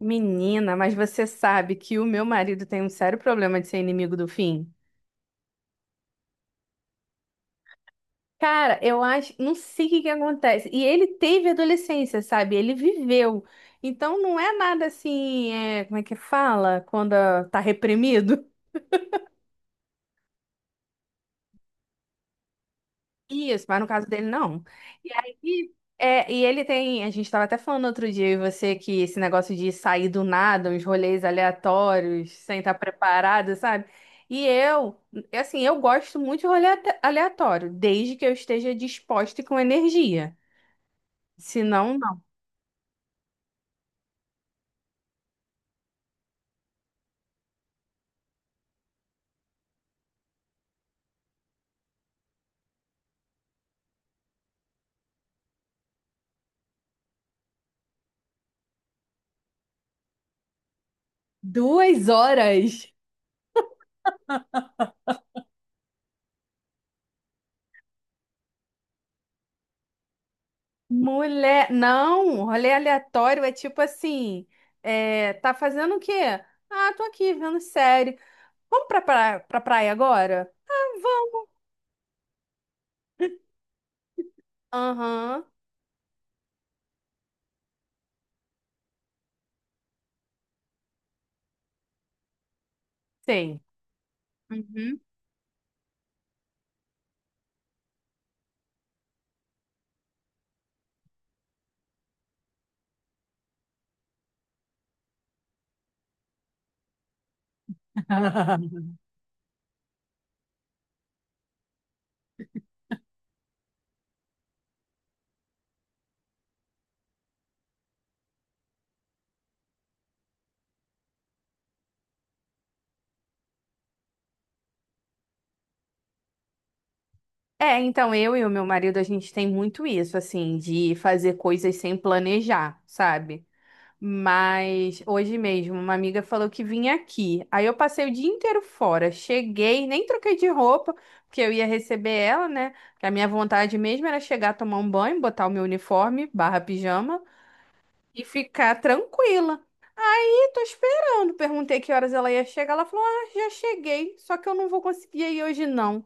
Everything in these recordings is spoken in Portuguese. Menina, mas você sabe que o meu marido tem um sério problema de ser inimigo do fim? Cara, eu acho, não sei o que que acontece. E ele teve adolescência, sabe? Ele viveu. Então não é nada assim, é, como é que fala? Quando tá reprimido. Isso, mas no caso dele, não. E aí, é, e ele tem, a gente tava até falando outro dia, eu e você, que esse negócio de sair do nada, uns rolês aleatórios, sem estar preparado, sabe? E eu, é assim, eu gosto muito de aleatório, desde que eu esteja disposta e com energia. Se não, não. Duas horas? Mulher, não, rolê aleatório é tipo assim, é, tá fazendo o quê? Ah, tô aqui vendo série. Vamos pra praia agora? Aham, tem. Uhum. É, então eu e o meu marido, a gente tem muito isso, assim, de fazer coisas sem planejar, sabe? Mas hoje mesmo, uma amiga falou que vinha aqui. Aí eu passei o dia inteiro fora. Cheguei, nem troquei de roupa, porque eu ia receber ela, né? Que a minha vontade mesmo era chegar, tomar um banho, botar o meu uniforme, barra pijama, e ficar tranquila. E tô esperando. Perguntei que horas ela ia chegar. Ela falou: "Ah, já cheguei, só que eu não vou conseguir ir hoje, não."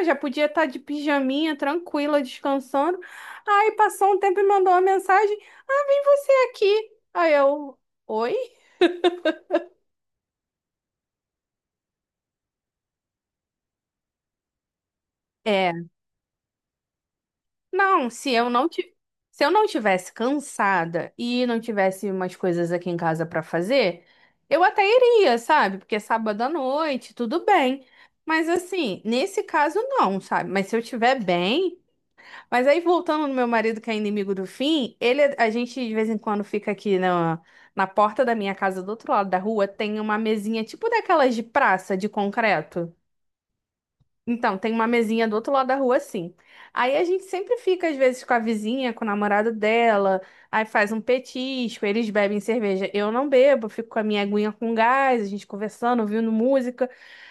É, já podia estar de pijaminha, tranquila, descansando. Aí passou um tempo e mandou uma mensagem: "Ah, vem você aqui." Aí eu, oi? É. Não, se eu não tivesse cansada e não tivesse umas coisas aqui em casa pra fazer, eu até iria, sabe? Porque é sábado à noite, tudo bem. Mas assim, nesse caso não, sabe? Mas se eu estiver bem, mas aí, voltando no meu marido, que é inimigo do fim, ele, a gente de vez em quando fica aqui na, na porta da minha casa, do outro lado da rua, tem uma mesinha tipo daquelas de praça, de concreto. Então, tem uma mesinha do outro lado da rua, assim. Aí a gente sempre fica, às vezes, com a vizinha, com o namorado dela, aí faz um petisco, eles bebem cerveja. Eu não bebo, fico com a minha aguinha com gás, a gente conversando, ouvindo música.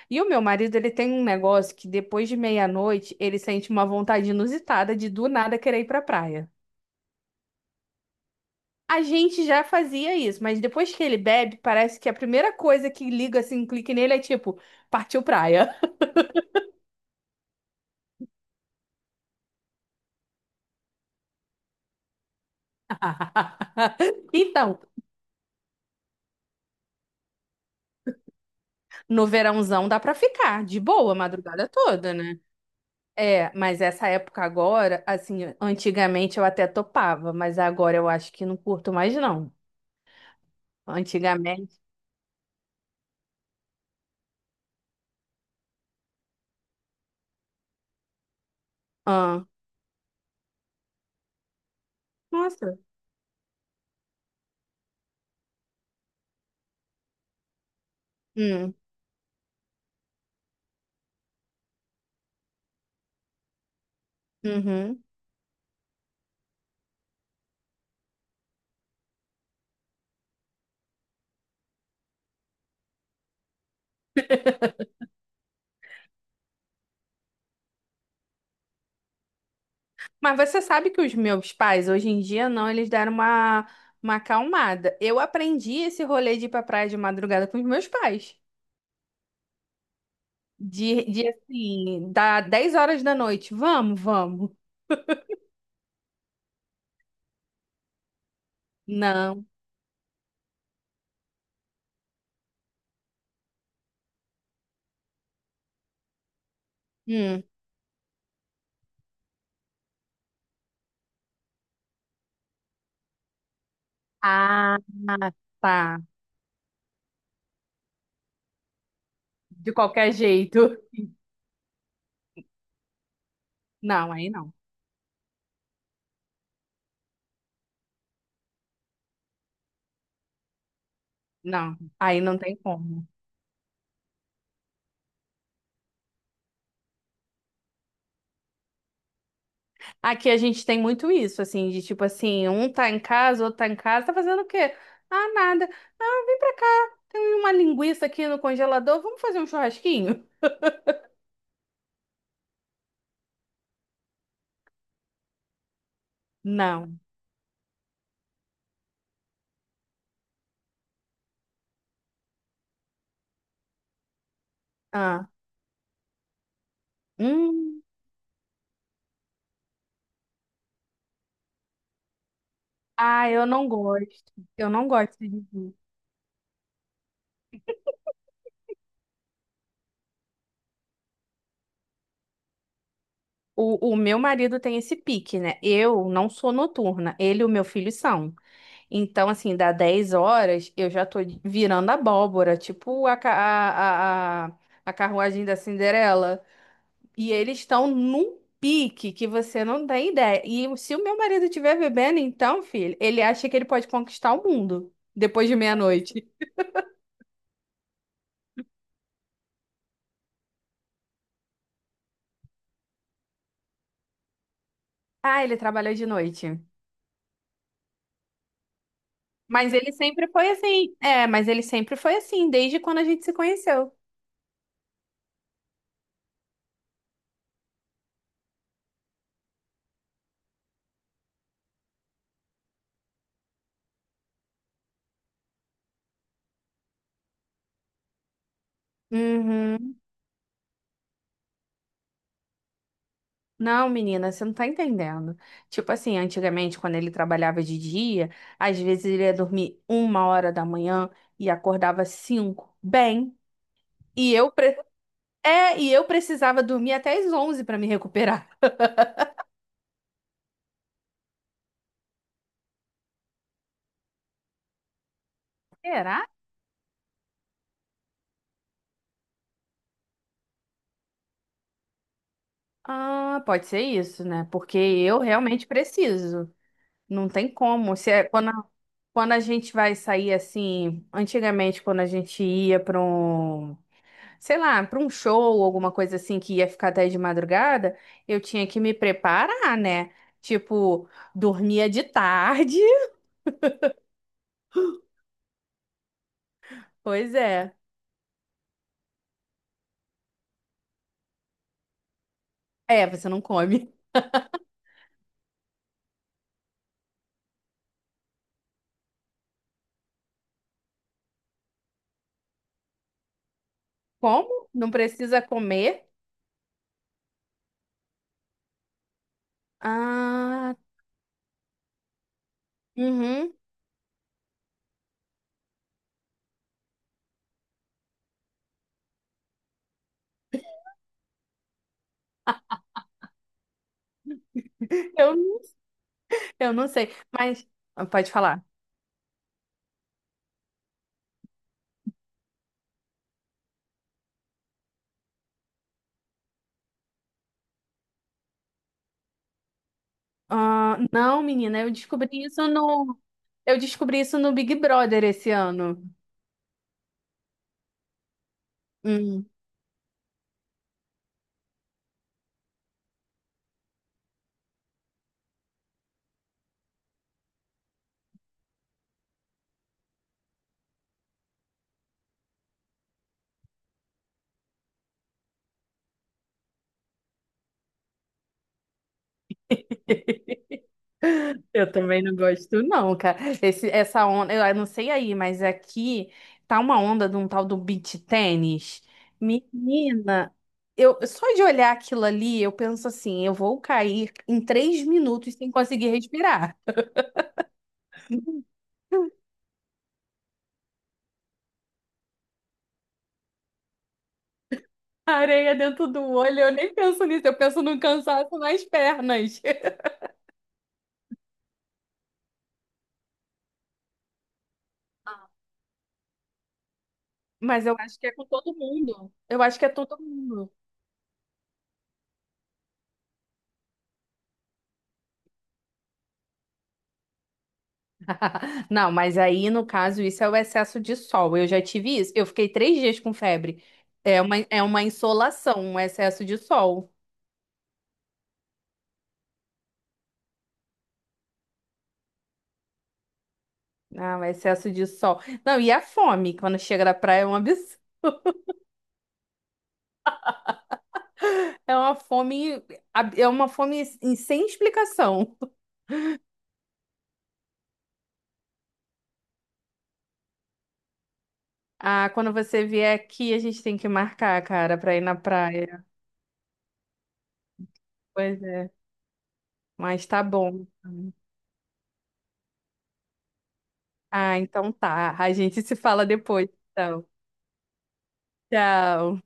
E o meu marido, ele tem um negócio que depois de meia-noite, ele sente uma vontade inusitada de do nada querer ir pra praia. A gente já fazia isso, mas depois que ele bebe, parece que a primeira coisa que liga, assim, um clique nele é tipo, partiu praia. Então, no verãozão dá pra ficar de boa a madrugada toda, né? É, mas essa época agora, assim, antigamente eu até topava, mas agora eu acho que não curto mais não. Antigamente, ah, nossa. Hum, uhum. Mas você sabe que os meus pais hoje em dia não, eles deram uma acalmada. Eu aprendi esse rolê de ir pra praia de madrugada com os meus pais. De assim, dá 10 horas da noite. Vamos, vamos. Não. Hum. Ah, tá. De qualquer jeito. Não, aí não. Não, aí não tem como. Aqui a gente tem muito isso, assim, de tipo assim, um tá em casa, outro tá em casa, tá fazendo o quê? Ah, nada. Ah, vem pra cá, tem uma linguiça aqui no congelador, vamos fazer um churrasquinho? Não. Ah, hum. Ah, eu não gosto. Eu não gosto de vir. O meu marido tem esse pique, né? Eu não sou noturna, ele e o meu filho são. Então, assim, dá 10 horas, eu já tô virando abóbora, tipo a, ca- a carruagem da Cinderela. E eles estão num pique que você não tem ideia. E se o meu marido estiver bebendo, então, filho, ele acha que ele pode conquistar o mundo depois de meia-noite. Ah, ele trabalha de noite. Mas ele sempre foi assim. É, mas ele sempre foi assim, desde quando a gente se conheceu. Uhum. Não, menina, você não tá entendendo. Tipo assim, antigamente, quando ele trabalhava de dia, às vezes ele ia dormir 1 hora da manhã e acordava cinco. Bem, e eu, pre... é, e eu precisava dormir até às 11 para me recuperar. Será? Ah, pode ser isso, né? Porque eu realmente preciso. Não tem como. Se é- quando, a- Quando a gente vai sair assim, antigamente, quando a gente ia para, sei lá, para um show, alguma coisa assim que ia ficar até de madrugada, eu tinha que me preparar, né? Tipo, dormia de tarde. Pois é. É, você não come. Como? Não precisa comer? Ah, uhum. Eu, eu não sei, mas ah, pode falar. Ah, não, menina, eu descobri isso no, Eu descobri isso no Big Brother esse ano. Hum. Eu também não gosto, não, cara. Esse, essa onda, eu não sei aí, mas aqui tá uma onda de um tal do beach tênis. Menina, eu só de olhar aquilo ali, eu penso assim, eu vou cair em 3 minutos sem conseguir respirar. Areia dentro do olho, eu nem penso nisso, eu penso no cansaço nas pernas. Mas eu acho que é com todo mundo. Eu acho que é todo mundo. Não, mas aí no caso isso é o excesso de sol. Eu já tive isso. Eu fiquei 3 dias com febre. É uma insolação, um excesso de sol. Ah, um excesso de sol. Não, e a fome, quando chega da praia é um absurdo. É uma fome, é uma fome sem explicação. Ah, quando você vier aqui, a gente tem que marcar, cara, pra ir na praia. Pois é, mas tá bom. Ah, então tá. A gente se fala depois, então. Tchau.